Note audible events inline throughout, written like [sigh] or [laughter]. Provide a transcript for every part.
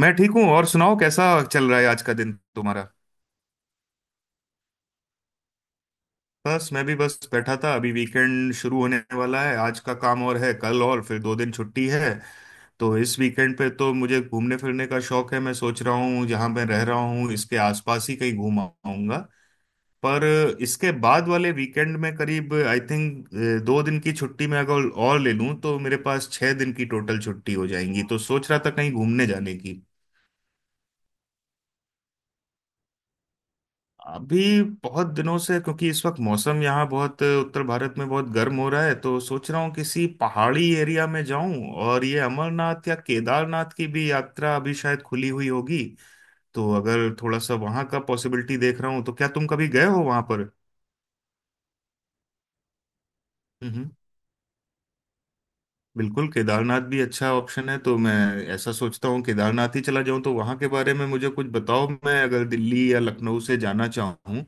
मैं ठीक हूँ। और सुनाओ कैसा चल रहा है आज का दिन तुम्हारा। बस मैं भी बस बैठा था, अभी वीकेंड शुरू होने वाला है, आज का काम और है, कल और फिर 2 दिन छुट्टी है। तो इस वीकेंड पे तो मुझे घूमने फिरने का शौक है, मैं सोच रहा हूँ जहाँ मैं रह रहा हूँ इसके आसपास ही कहीं घूम आऊंगा। पर इसके बाद वाले वीकेंड में करीब आई थिंक 2 दिन की छुट्टी में अगर और ले लूँ तो मेरे पास 6 दिन की टोटल छुट्टी हो जाएंगी, तो सोच रहा था कहीं घूमने जाने की। अभी बहुत दिनों से, क्योंकि इस वक्त मौसम यहाँ बहुत, उत्तर भारत में बहुत गर्म हो रहा है, तो सोच रहा हूँ किसी पहाड़ी एरिया में जाऊं, और ये अमरनाथ या केदारनाथ की भी यात्रा अभी शायद खुली हुई होगी। तो अगर थोड़ा सा वहां का पॉसिबिलिटी देख रहा हूँ, तो क्या तुम कभी गए हो वहां पर? हम्म। बिल्कुल, केदारनाथ भी अच्छा ऑप्शन है। तो मैं ऐसा सोचता हूँ केदारनाथ ही चला जाऊं, तो वहां के बारे में मुझे कुछ बताओ। मैं अगर दिल्ली या लखनऊ से जाना चाहूँ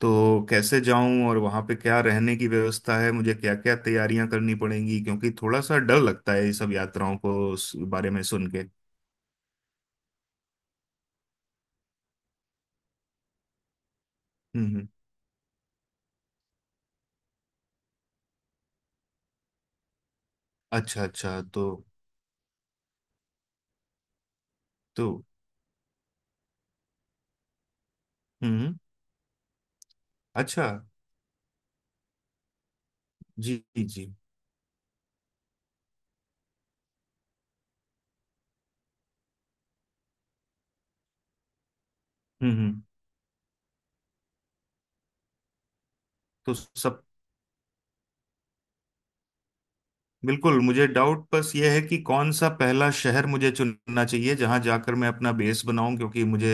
तो कैसे जाऊं, और वहां पे क्या रहने की व्यवस्था है, मुझे क्या क्या तैयारियां करनी पड़ेंगी? क्योंकि थोड़ा सा डर लगता है ये सब यात्राओं को उस बारे में सुन के। हम्म, अच्छा, अच्छा। तो हम्म। अच्छा। जी, जी, जी। हम्म, हम्म। तो सब, बिल्कुल, मुझे डाउट बस ये है कि कौन सा पहला शहर मुझे चुनना चाहिए जहां जाकर मैं अपना बेस बनाऊं, क्योंकि मुझे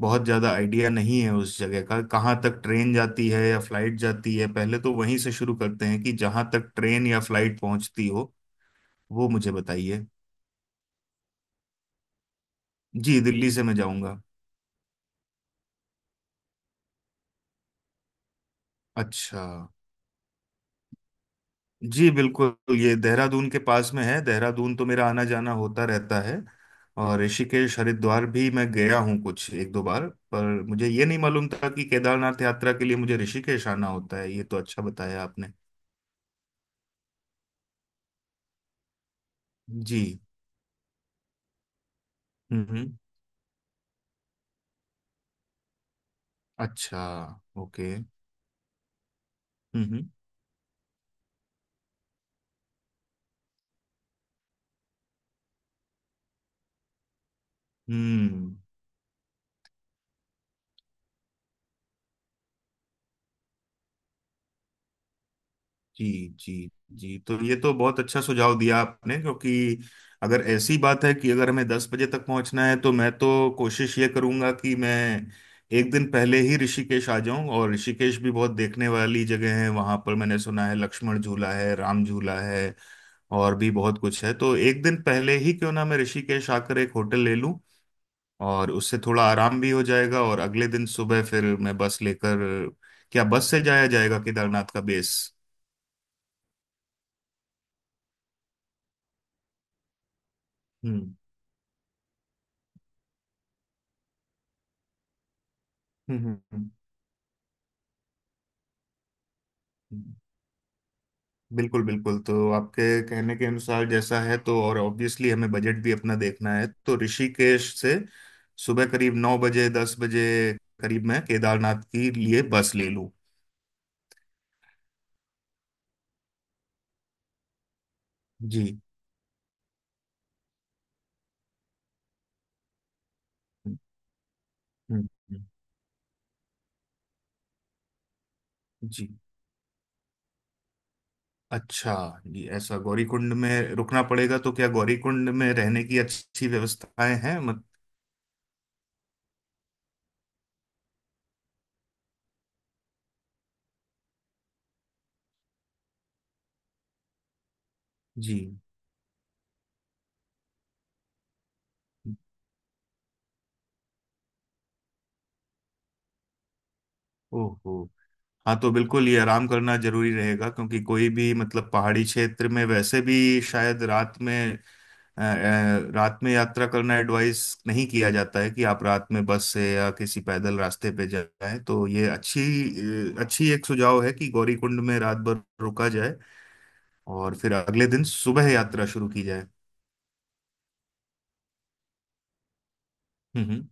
बहुत ज्यादा आइडिया नहीं है उस जगह का, कहाँ तक ट्रेन जाती है या फ्लाइट जाती है। पहले तो वहीं से शुरू करते हैं कि जहां तक ट्रेन या फ्लाइट पहुंचती हो वो मुझे बताइए। जी दिल्ली से मैं जाऊंगा। अच्छा। जी बिल्कुल, ये देहरादून के पास में है, देहरादून तो मेरा आना जाना होता रहता है, और ऋषिकेश हरिद्वार भी मैं गया हूँ कुछ एक दो बार, पर मुझे ये नहीं मालूम था कि केदारनाथ यात्रा के लिए मुझे ऋषिकेश आना होता है, ये तो अच्छा बताया आपने। जी। हम्म, हम्म। अच्छा, ओके। हम्म, हम्म, हम्म। जी। जी। जी, तो ये तो बहुत अच्छा सुझाव दिया आपने, क्योंकि अगर ऐसी बात है कि अगर हमें 10 बजे तक पहुंचना है, तो मैं तो कोशिश ये करूंगा कि मैं एक दिन पहले ही ऋषिकेश आ जाऊं, और ऋषिकेश भी बहुत देखने वाली जगह है, वहां पर मैंने सुना है लक्ष्मण झूला है, राम झूला है, और भी बहुत कुछ है। तो एक दिन पहले ही क्यों ना मैं ऋषिकेश आकर एक होटल ले लूं, और उससे थोड़ा आराम भी हो जाएगा, और अगले दिन सुबह फिर मैं बस लेकर, क्या बस से जाया जाएगा केदारनाथ का बेस? हम्म, हम्म, हम्म। बिल्कुल, बिल्कुल, तो आपके कहने के अनुसार जैसा है, तो और ऑब्वियसली हमें बजट भी अपना देखना है। तो ऋषिकेश से सुबह करीब 9 बजे, 10 बजे करीब मैं केदारनाथ के लिए बस ले लूँ। जी। हम्म, हम्म, हम्म। जी। अच्छा। जी, ऐसा गौरीकुंड में रुकना पड़ेगा, तो क्या गौरीकुंड में रहने की अच्छी व्यवस्थाएं हैं? मत, जी, ओहो, हाँ, तो बिल्कुल ये आराम करना जरूरी रहेगा, क्योंकि कोई भी, मतलब पहाड़ी क्षेत्र में वैसे भी शायद रात में, रात में यात्रा करना एडवाइस नहीं किया जाता है कि आप रात में बस से या किसी पैदल रास्ते पे जाएं। तो ये अच्छी एक सुझाव है कि गौरीकुंड में रात भर रुका जाए, और फिर अगले दिन सुबह यात्रा शुरू की जाए। हम्म,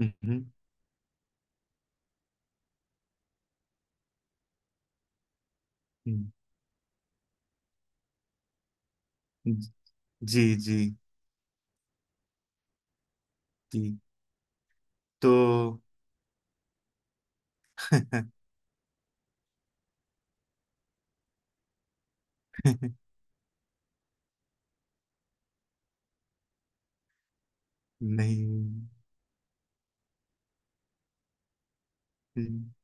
हम्म, हम्म, हम्म। जी, जी, जी। तो [laughs] नहीं। हम्म।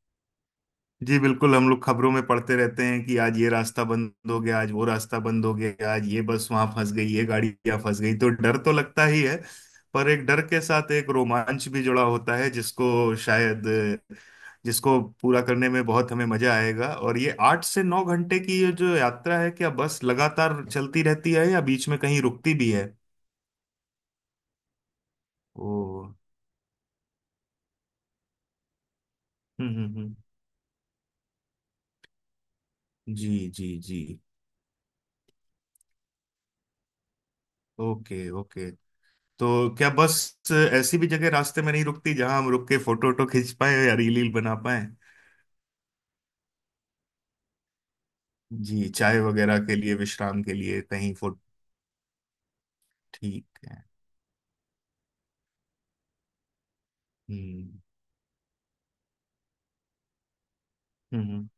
जी बिल्कुल, हम लोग खबरों में पढ़ते रहते हैं कि आज ये रास्ता बंद हो गया, आज वो रास्ता बंद हो गया, आज ये बस वहां फंस गई, ये गाड़ी यहाँ फंस गई, तो डर तो लगता ही है। पर एक डर के साथ एक रोमांच भी जुड़ा होता है जिसको पूरा करने में बहुत हमें मजा आएगा। और ये 8 से 9 घंटे की ये जो यात्रा है, क्या बस लगातार चलती रहती है या बीच में कहीं रुकती भी है? ओ, हम्म, हम्म, जी, जी, जी। Okay, okay. तो क्या बस ऐसी भी जगह रास्ते में नहीं रुकती जहां हम रुक के फोटो वोटो खींच पाए या रील ईल बना पाए? जी, चाय वगैरह के लिए, विश्राम के लिए, कहीं फोटो, ठीक है। हम्म, हम्म,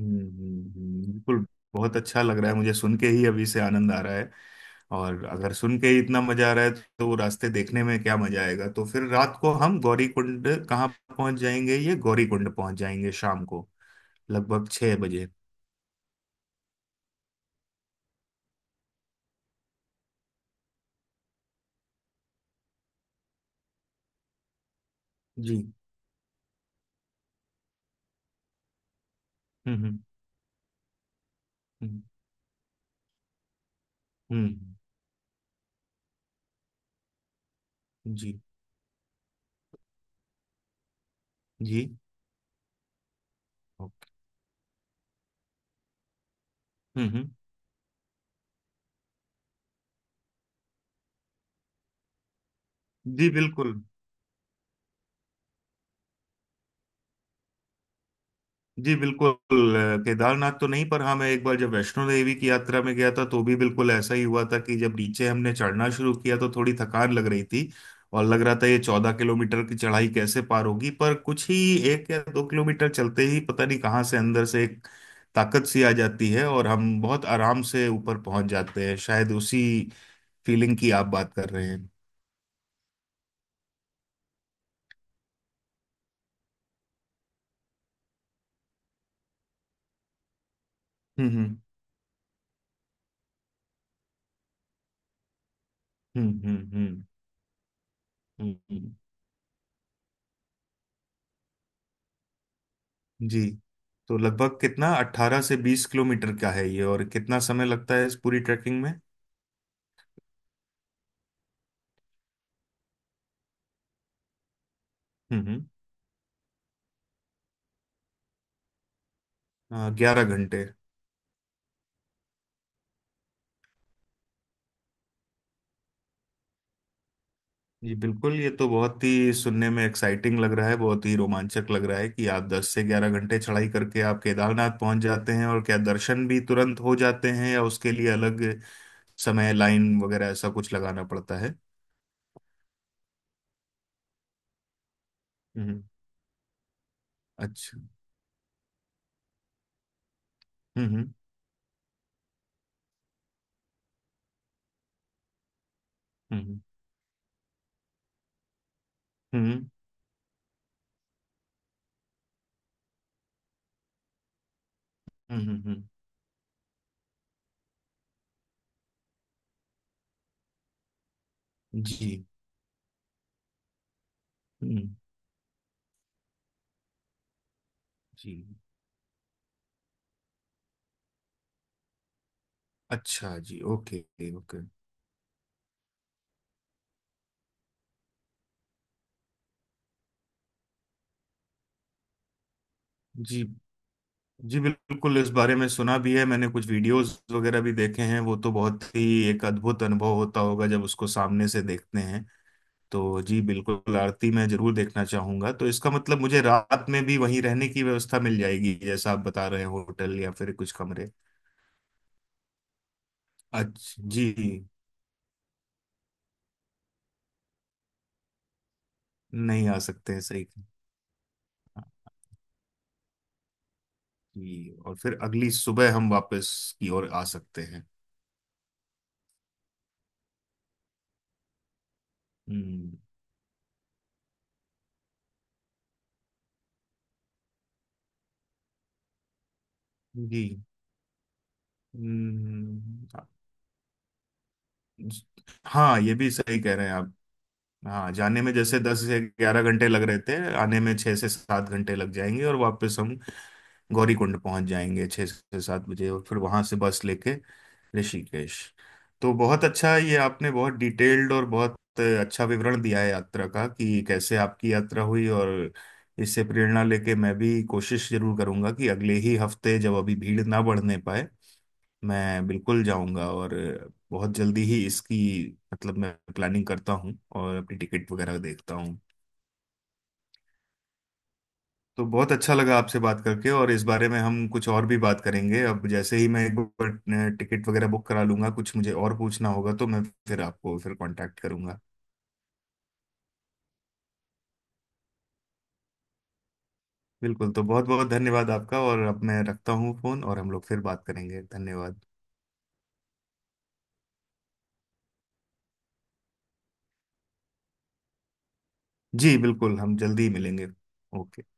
हम्म, बिल्कुल। बहुत अच्छा लग रहा है, मुझे सुन के ही अभी से आनंद आ रहा है। और अगर सुन के ही इतना मजा आ रहा है, तो वो रास्ते देखने में क्या मजा आएगा। तो फिर रात को हम गौरी कुंड कहाँ पहुंच जाएंगे, ये गौरी कुंड पहुंच जाएंगे शाम को लगभग 6 बजे? जी। हम्म, हम्म, हम्म, हम्म। जी, जी। ओके। हम्म, जी बिल्कुल। जी बिल्कुल। केदारनाथ तो नहीं, पर हाँ मैं एक बार जब वैष्णो देवी की यात्रा में गया था तो भी बिल्कुल ऐसा ही हुआ था कि जब नीचे हमने चढ़ना शुरू किया तो थोड़ी थकान लग रही थी, और लग रहा था ये 14 किलोमीटर की चढ़ाई कैसे पार होगी, पर कुछ ही 1 या 2 किलोमीटर चलते ही पता नहीं कहाँ से अंदर से एक ताकत सी आ जाती है और हम बहुत आराम से ऊपर पहुंच जाते हैं। शायद उसी फीलिंग की आप बात कर रहे हैं। हम्म, हम्म, हम्म, हम्म, हम्म, हम्म, हम्म। जी, तो लगभग कितना, 18 से 20 किलोमीटर का है ये? और कितना समय लगता है इस पूरी ट्रैकिंग में? हम्म, 11 घंटे। जी बिल्कुल, ये तो बहुत ही सुनने में एक्साइटिंग लग रहा है, बहुत ही रोमांचक लग रहा है कि आप 10 से 11 घंटे चढ़ाई करके आप केदारनाथ पहुंच जाते हैं। और क्या दर्शन भी तुरंत हो जाते हैं या उसके लिए अलग समय लाइन वगैरह ऐसा कुछ लगाना पड़ता है? हम्म, अच्छा। हम्म, हम्म, हम्म, हम्म, हम्म, जी। हम्म। जी। अच्छा जी। Okay, okay. जी, जी बिल्कुल, इस बारे में सुना भी है मैंने, कुछ वीडियोस वगैरह भी देखे हैं, वो तो बहुत ही एक अद्भुत अनुभव होता होगा जब उसको सामने से देखते हैं। तो जी बिल्कुल आरती मैं जरूर देखना चाहूंगा। तो इसका मतलब मुझे रात में भी वहीं रहने की व्यवस्था मिल जाएगी जैसा आप बता रहे हैं, होटल या फिर कुछ कमरे? अच्छा जी। नहीं आ सकते हैं, सही कहा। जी, और फिर अगली सुबह हम वापस की ओर आ सकते हैं? हम्म। जी, हम्म। हाँ, ये भी सही कह रहे हैं आप। हाँ, जाने में जैसे 10 से 11 घंटे लग रहे थे, आने में 6 से 7 घंटे लग जाएंगे, और वापस हम गौरीकुंड पहुंच जाएंगे 6 से 7 बजे, और फिर वहां से बस लेके ऋषिकेश। तो बहुत अच्छा, ये आपने बहुत डिटेल्ड और बहुत अच्छा विवरण दिया है यात्रा का कि कैसे आपकी यात्रा हुई, और इससे प्रेरणा लेके मैं भी कोशिश जरूर करूंगा कि अगले ही हफ्ते जब अभी भीड़ ना बढ़ने पाए मैं बिल्कुल जाऊंगा। और बहुत जल्दी ही इसकी, मतलब मैं प्लानिंग करता हूँ और अपनी टिकट वगैरह देखता हूँ। तो बहुत अच्छा लगा आपसे बात करके, और इस बारे में हम कुछ और भी बात करेंगे, अब जैसे ही मैं एक बार टिकट वगैरह बुक करा लूंगा, कुछ मुझे और पूछना होगा तो मैं फिर आपको फिर कांटेक्ट करूंगा। बिल्कुल, तो बहुत बहुत धन्यवाद आपका, और अब मैं रखता हूँ फोन, और हम लोग फिर बात करेंगे, धन्यवाद। जी बिल्कुल, हम जल्दी ही मिलेंगे। ओके।